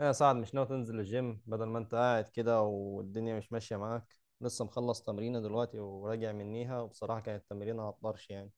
يا سعد مش ناوي تنزل الجيم بدل ما انت قاعد كده والدنيا مش ماشية معاك. لسه مخلص تمرينة دلوقتي وراجع منيها وبصراحة كانت تمرينة على الطرش يعني.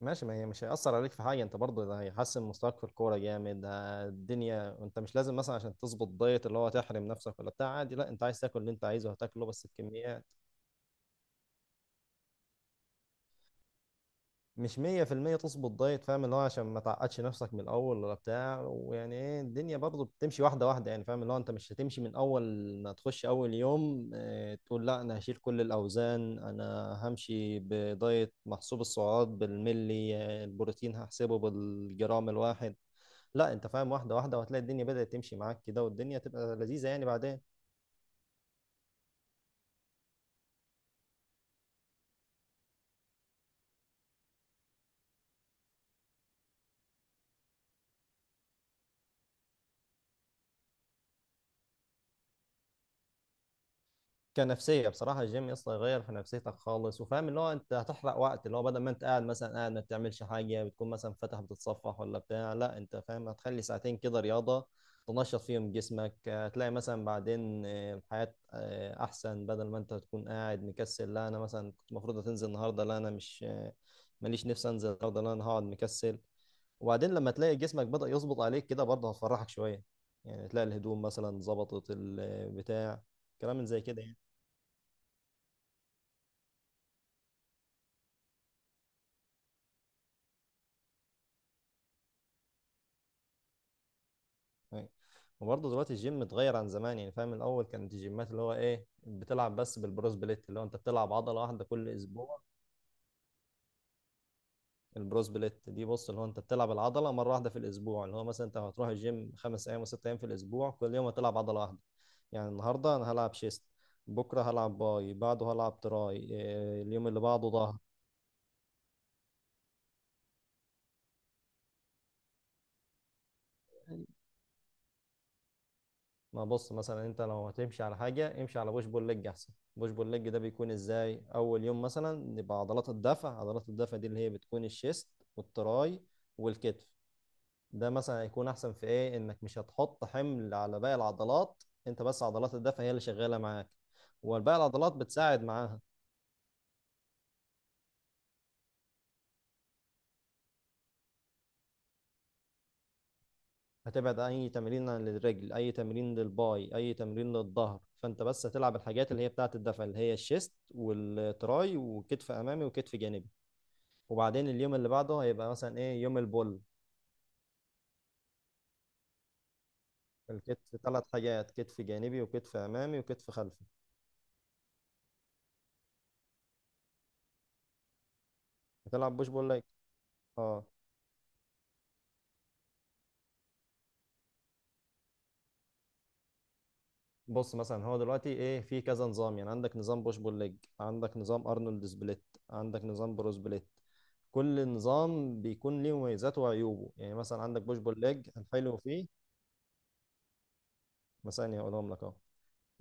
ماشي، ما هي مش هيأثر عليك في حاجة، انت برضه ده هيحسن مستواك في الكورة جامد. الدنيا انت مش لازم مثلا عشان تظبط دايت اللي هو تحرم نفسك ولا بتاع، عادي، لا انت عايز تاكل اللي انت عايزه هتاكله بس بكميات. مش مية في المية تظبط دايت، فاهم اللي هو عشان ما تعقدش نفسك من الأول ولا بتاع، ويعني ايه، الدنيا برضه بتمشي واحدة واحدة يعني، فاهم اللي هو أنت مش هتمشي من أول ما تخش أول يوم اه تقول لا أنا هشيل كل الأوزان، أنا همشي بدايت محسوب السعرات بالملي، البروتين هحسبه بالجرام الواحد. لا أنت فاهم واحدة واحدة وهتلاقي الدنيا بدأت تمشي معاك كده والدنيا تبقى لذيذة يعني بعدين. كنفسيه بصراحه الجيم يسطا يغير في نفسيتك خالص، وفاهم اللي هو انت هتحرق وقت اللي هو بدل ما انت قاعد مثلا ما بتعملش حاجه، بتكون مثلا فاتح بتتصفح ولا بتاع، لا انت فاهم هتخلي ساعتين كده رياضه تنشط فيهم جسمك. هتلاقي مثلا بعدين الحياه احسن، بدل ما انت تكون قاعد مكسل لا انا مثلا كنت المفروض هتنزل النهارده، لا انا مش ماليش نفسي انزل النهارده، لا انا هقعد مكسل. وبعدين لما تلاقي جسمك بدأ يظبط عليك كده برضه هتفرحك شويه، يعني تلاقي الهدوم مثلا ظبطت البتاع، كلام من زي كده يعني. أيوة. وبرضه دلوقتي الجيم اتغير عن زمان، يعني فاهم، الاول كانت الجيمات اللي هو ايه بتلعب بس بالبروس بليت، اللي هو انت بتلعب عضله واحده كل اسبوع. البروس بليت دي بص اللي هو انت بتلعب العضله مره واحده في الاسبوع، اللي هو مثلا انت هتروح الجيم خمس ايام وست ايام في الاسبوع، كل يوم هتلعب عضله واحده. يعني النهارده انا هلعب شيست، بكره هلعب باي، بعده هلعب تراي، اليوم اللي بعده ظهر. ما بص مثلا انت لو هتمشي على حاجه امشي على بوش بول ليج احسن. بوش بول ليج ده بيكون ازاي؟ اول يوم مثلا نبقى عضلات الدفع، عضلات الدفع دي اللي هي بتكون الشيست والتراي والكتف. ده مثلا هيكون احسن في ايه؟ انك مش هتحط حمل على باقي العضلات، انت بس عضلات الدفع هي اللي شغاله معاك وباقي العضلات بتساعد معاها. هتبعد اي تمرين للرجل، اي تمرين للباي، اي تمرين للظهر، فانت بس هتلعب الحاجات اللي هي بتاعه الدفع اللي هي الشيست والتراي وكتف امامي وكتف جانبي. وبعدين اليوم اللي بعده هيبقى مثلا ايه، يوم البول. الكتف ثلاث حاجات، كتف جانبي وكتف امامي وكتف خلفي. هتلعب بوش بول ليج. اه. بص مثلا هو دلوقتي ايه، في كذا نظام، يعني عندك نظام بوش بول ليج، عندك نظام ارنولد سبليت، عندك نظام برو سبليت. كل نظام بيكون ليه مميزاته وعيوبه، يعني مثلا عندك بوش بول ليج الحلو فيه، مثلا هقولهم لك اهو.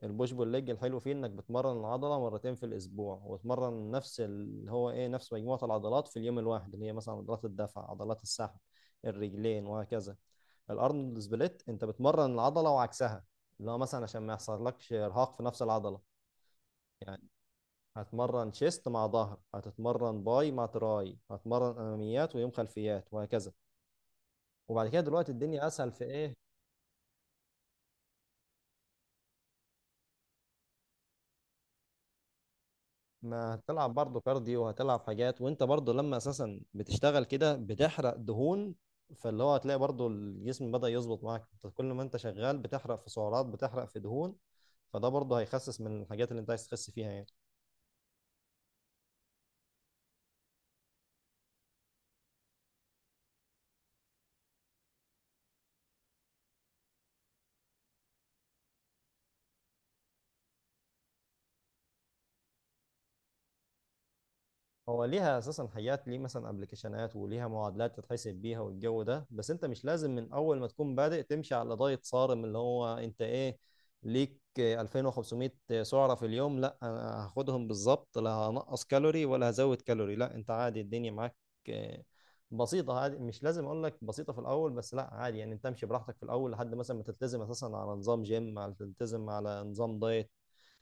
البوش بول ليج الحلو فيه انك بتمرن العضله مرتين في الاسبوع، وتمرن نفس اللي هو ايه نفس مجموعه العضلات في اليوم الواحد، اللي هي مثلا عضلات الدفع، عضلات السحب، الرجلين وهكذا. الارنولد سبليت انت بتمرن العضله وعكسها، اللي هو مثلا عشان ما يحصلكش ارهاق في نفس العضله، يعني هتمرن شيست مع ظهر، هتتمرن باي مع تراي، هتمرن اماميات ويوم خلفيات وهكذا. وبعد كده دلوقتي الدنيا اسهل في ايه، ما هتلعب برضه كارديو وهتلعب حاجات، وانت برضه لما اساسا بتشتغل كده بتحرق دهون، فاللي هو هتلاقي برضه الجسم بدأ يظبط معاك. انت كل ما انت شغال بتحرق في سعرات، بتحرق في دهون، فده برضه هيخسس من الحاجات اللي انت عايز تخس فيها يعني. هو ليها اساسا حاجات، ليه مثلا ابلكيشنات وليها معادلات تتحسب بيها والجو ده، بس انت مش لازم من اول ما تكون بادئ تمشي على دايت صارم، اللي هو انت ايه، ليك 2500 سعرة في اليوم لا انا هاخدهم بالظبط، لا هنقص كالوري ولا هزود كالوري، لا انت عادي الدنيا معاك آه، بسيطة. عادي مش لازم اقول لك بسيطة في الاول، بس لا عادي يعني انت امشي براحتك في الاول لحد مثلا ما تلتزم اساسا على نظام جيم، على تلتزم على نظام دايت.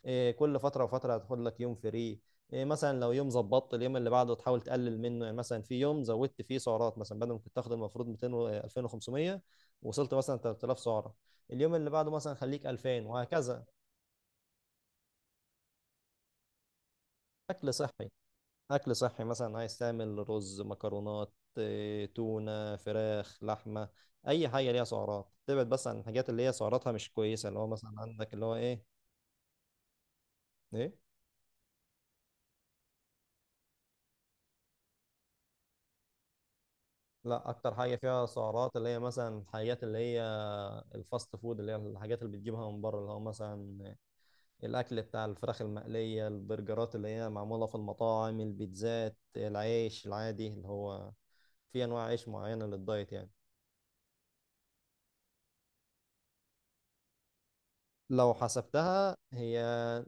كل فتره وفتره هتاخد لك يوم فري. مثلا لو يوم ظبطت اليوم اللي بعده تحاول تقلل منه، يعني مثلا في يوم زودت فيه سعرات، مثلا بدل ما كنت تاخد المفروض 200 و 2500، وصلت مثلا 3000 سعره، اليوم اللي بعده مثلا خليك 2000 وهكذا. اكل صحي. اكل صحي مثلا، عايز تعمل رز، مكرونات، تونه، فراخ، لحمه، اي حاجه ليها سعرات، تبعد بس عن الحاجات اللي هي سعراتها مش كويسه، اللي هو مثلا عندك اللي هو ايه. ايه. لا اكتر حاجه فيها سعرات اللي هي مثلا الحاجات اللي هي الفاست فود، اللي هي الحاجات اللي بتجيبها من بره، اللي هو مثلا الاكل بتاع الفراخ المقليه، البرجرات اللي هي معموله في المطاعم، البيتزات، العيش العادي، اللي هو في انواع عيش معينه للدايت يعني. لو حسبتها هي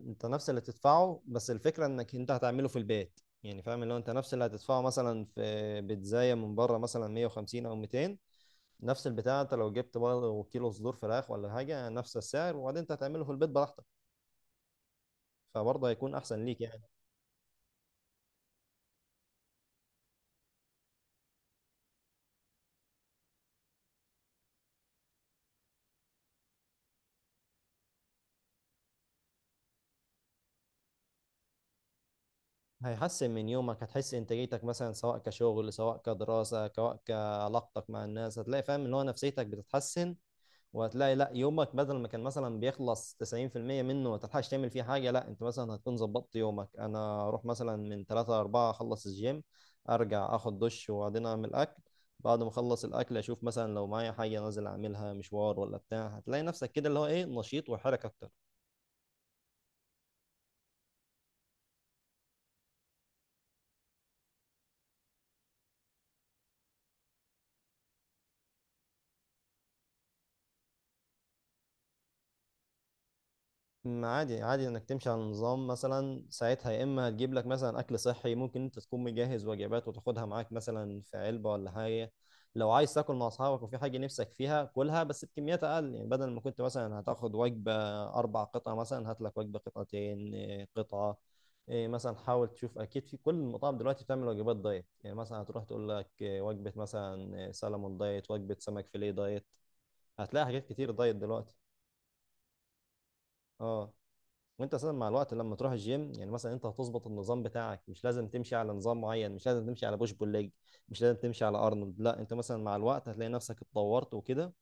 انت نفس اللي تدفعه، بس الفكره انك انت هتعمله في البيت، يعني فاهم اللي هو انت نفس اللي هتدفعه مثلا في بيتزايه من بره مثلا 150 او 200، نفس البتاع انت لو جبت برضه كيلو صدور فراخ ولا حاجه نفس السعر، وبعدين انت هتعمله في البيت براحتك، فبرضه هيكون احسن ليك يعني. هيحسن من يومك، هتحس انتاجيتك مثلا سواء كشغل سواء كدراسة سواء كعلاقتك مع الناس، هتلاقي فاهم ان هو نفسيتك بتتحسن. وهتلاقي لا يومك بدل ما كان مثلا بيخلص 90% منه ما تلحقش تعمل فيه حاجة، لا انت مثلا هتكون ظبطت يومك، انا اروح مثلا من 3 4 اخلص الجيم، ارجع اخد دش، وبعدين اعمل اكل، بعد ما اخلص الاكل اشوف مثلا لو معايا حاجة نازل اعملها، مشوار ولا بتاع، هتلاقي نفسك كده اللي هو ايه نشيط وحركة. ما عادي، عادي انك تمشي على النظام مثلا، ساعتها يا اما هتجيب لك مثلا اكل صحي، ممكن انت تكون مجهز وجبات وتاخدها معاك مثلا في علبه ولا حاجه، لو عايز تاكل مع اصحابك وفي حاجه نفسك فيها كلها، بس بكميات اقل، يعني بدل ما كنت مثلا هتاخد وجبه اربع قطع، مثلا هات لك وجبه قطعتين، قطعه. مثلا حاول تشوف، اكيد في كل المطاعم دلوقتي بتعمل وجبات دايت، يعني مثلا هتروح تقول لك وجبه مثلا سلمون دايت، وجبه سمك فيليه دايت، هتلاقي حاجات كتير دايت دلوقتي. اه. وانت اساسا مع الوقت لما تروح الجيم، يعني مثلا انت هتظبط النظام بتاعك، مش لازم تمشي على نظام معين، مش لازم تمشي على بوش بول ليج، مش لازم تمشي على ارنولد، لا انت مثلا مع الوقت هتلاقي نفسك اتطورت وكده.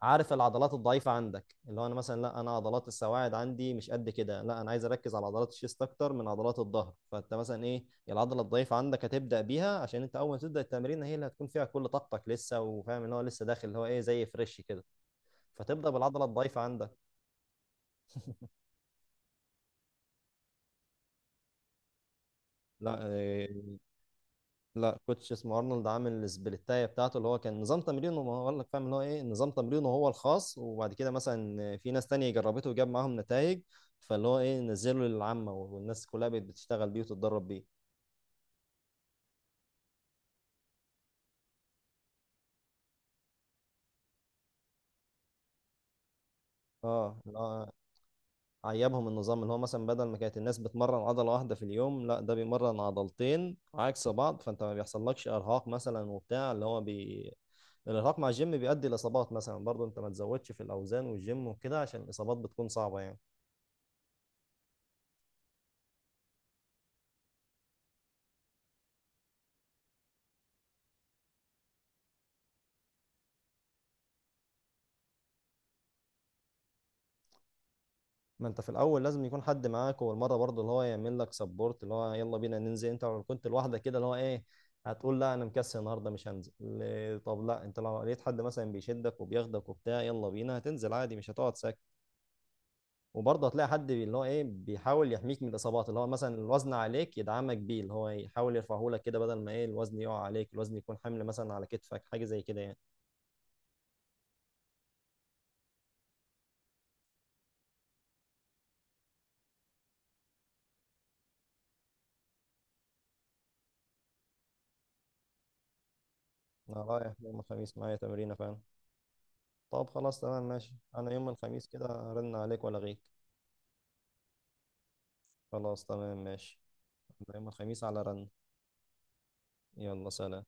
عارف العضلات الضعيفه عندك، اللي هو انا مثلا لا انا عضلات السواعد عندي مش قد كده، لا انا عايز اركز على عضلات الشيست اكتر من عضلات الظهر، فانت مثلا ايه العضله الضعيفه عندك هتبدا بيها، عشان انت اول ما تبدا التمرين هي اللي هتكون فيها كل طاقتك لسه، وفاهم ان هو لسه داخل اللي هو ايه زي فريش كده، فتبدا بالعضله الضعيفه عندك. لا. كوتش اسمه ارنولد عامل السبليتايه بتاعته، اللي هو كان نظام تمرينه، ما هو قال لك، فاهم اللي هو ايه، نظام تمرينه هو الخاص، وبعد كده مثلا في ناس تانية جربته وجاب معاهم نتائج، فاللي هو ايه نزله للعامه والناس كلها بقت بتشتغل بيه وتتدرب بيه. اه اللي هو عيبهم النظام اللي هو مثلا بدل ما كانت الناس بتمرن عضله واحده في اليوم، لا ده بيمرن عضلتين عكس بعض، فانت ما بيحصلكش ارهاق مثلا وبتاع، اللي هو الارهاق مع الجيم بيؤدي لاصابات مثلا، برضه انت ما تزودش في الاوزان والجيم وكده عشان الاصابات بتكون صعبه يعني. ما انت في الاول لازم يكون حد معاك والمره برضه، اللي هو يعمل لك سبورت، اللي هو يلا بينا ننزل، انت لو كنت لوحدك كده اللي هو ايه هتقول لا انا مكسل النهارده مش هنزل، طب لا انت لو لقيت حد مثلا بيشدك وبياخدك وبتاع يلا بينا هتنزل عادي، مش هتقعد ساكت. وبرضه هتلاقي حد اللي هو ايه بيحاول يحميك من الاصابات، اللي هو مثلا الوزن عليك يدعمك بيه، اللي هو يحاول يرفعه لك كده بدل ما ايه الوزن يقع عليك، الوزن يكون حمل مثلا على كتفك، حاجه زي كده يعني. انا رايح يوم الخميس معايا تمرينه فعلا. طب خلاص تمام ماشي، انا يوم الخميس كده رن عليك ولا غيك. خلاص تمام ماشي. ده يوم الخميس على رن. يلا سلام.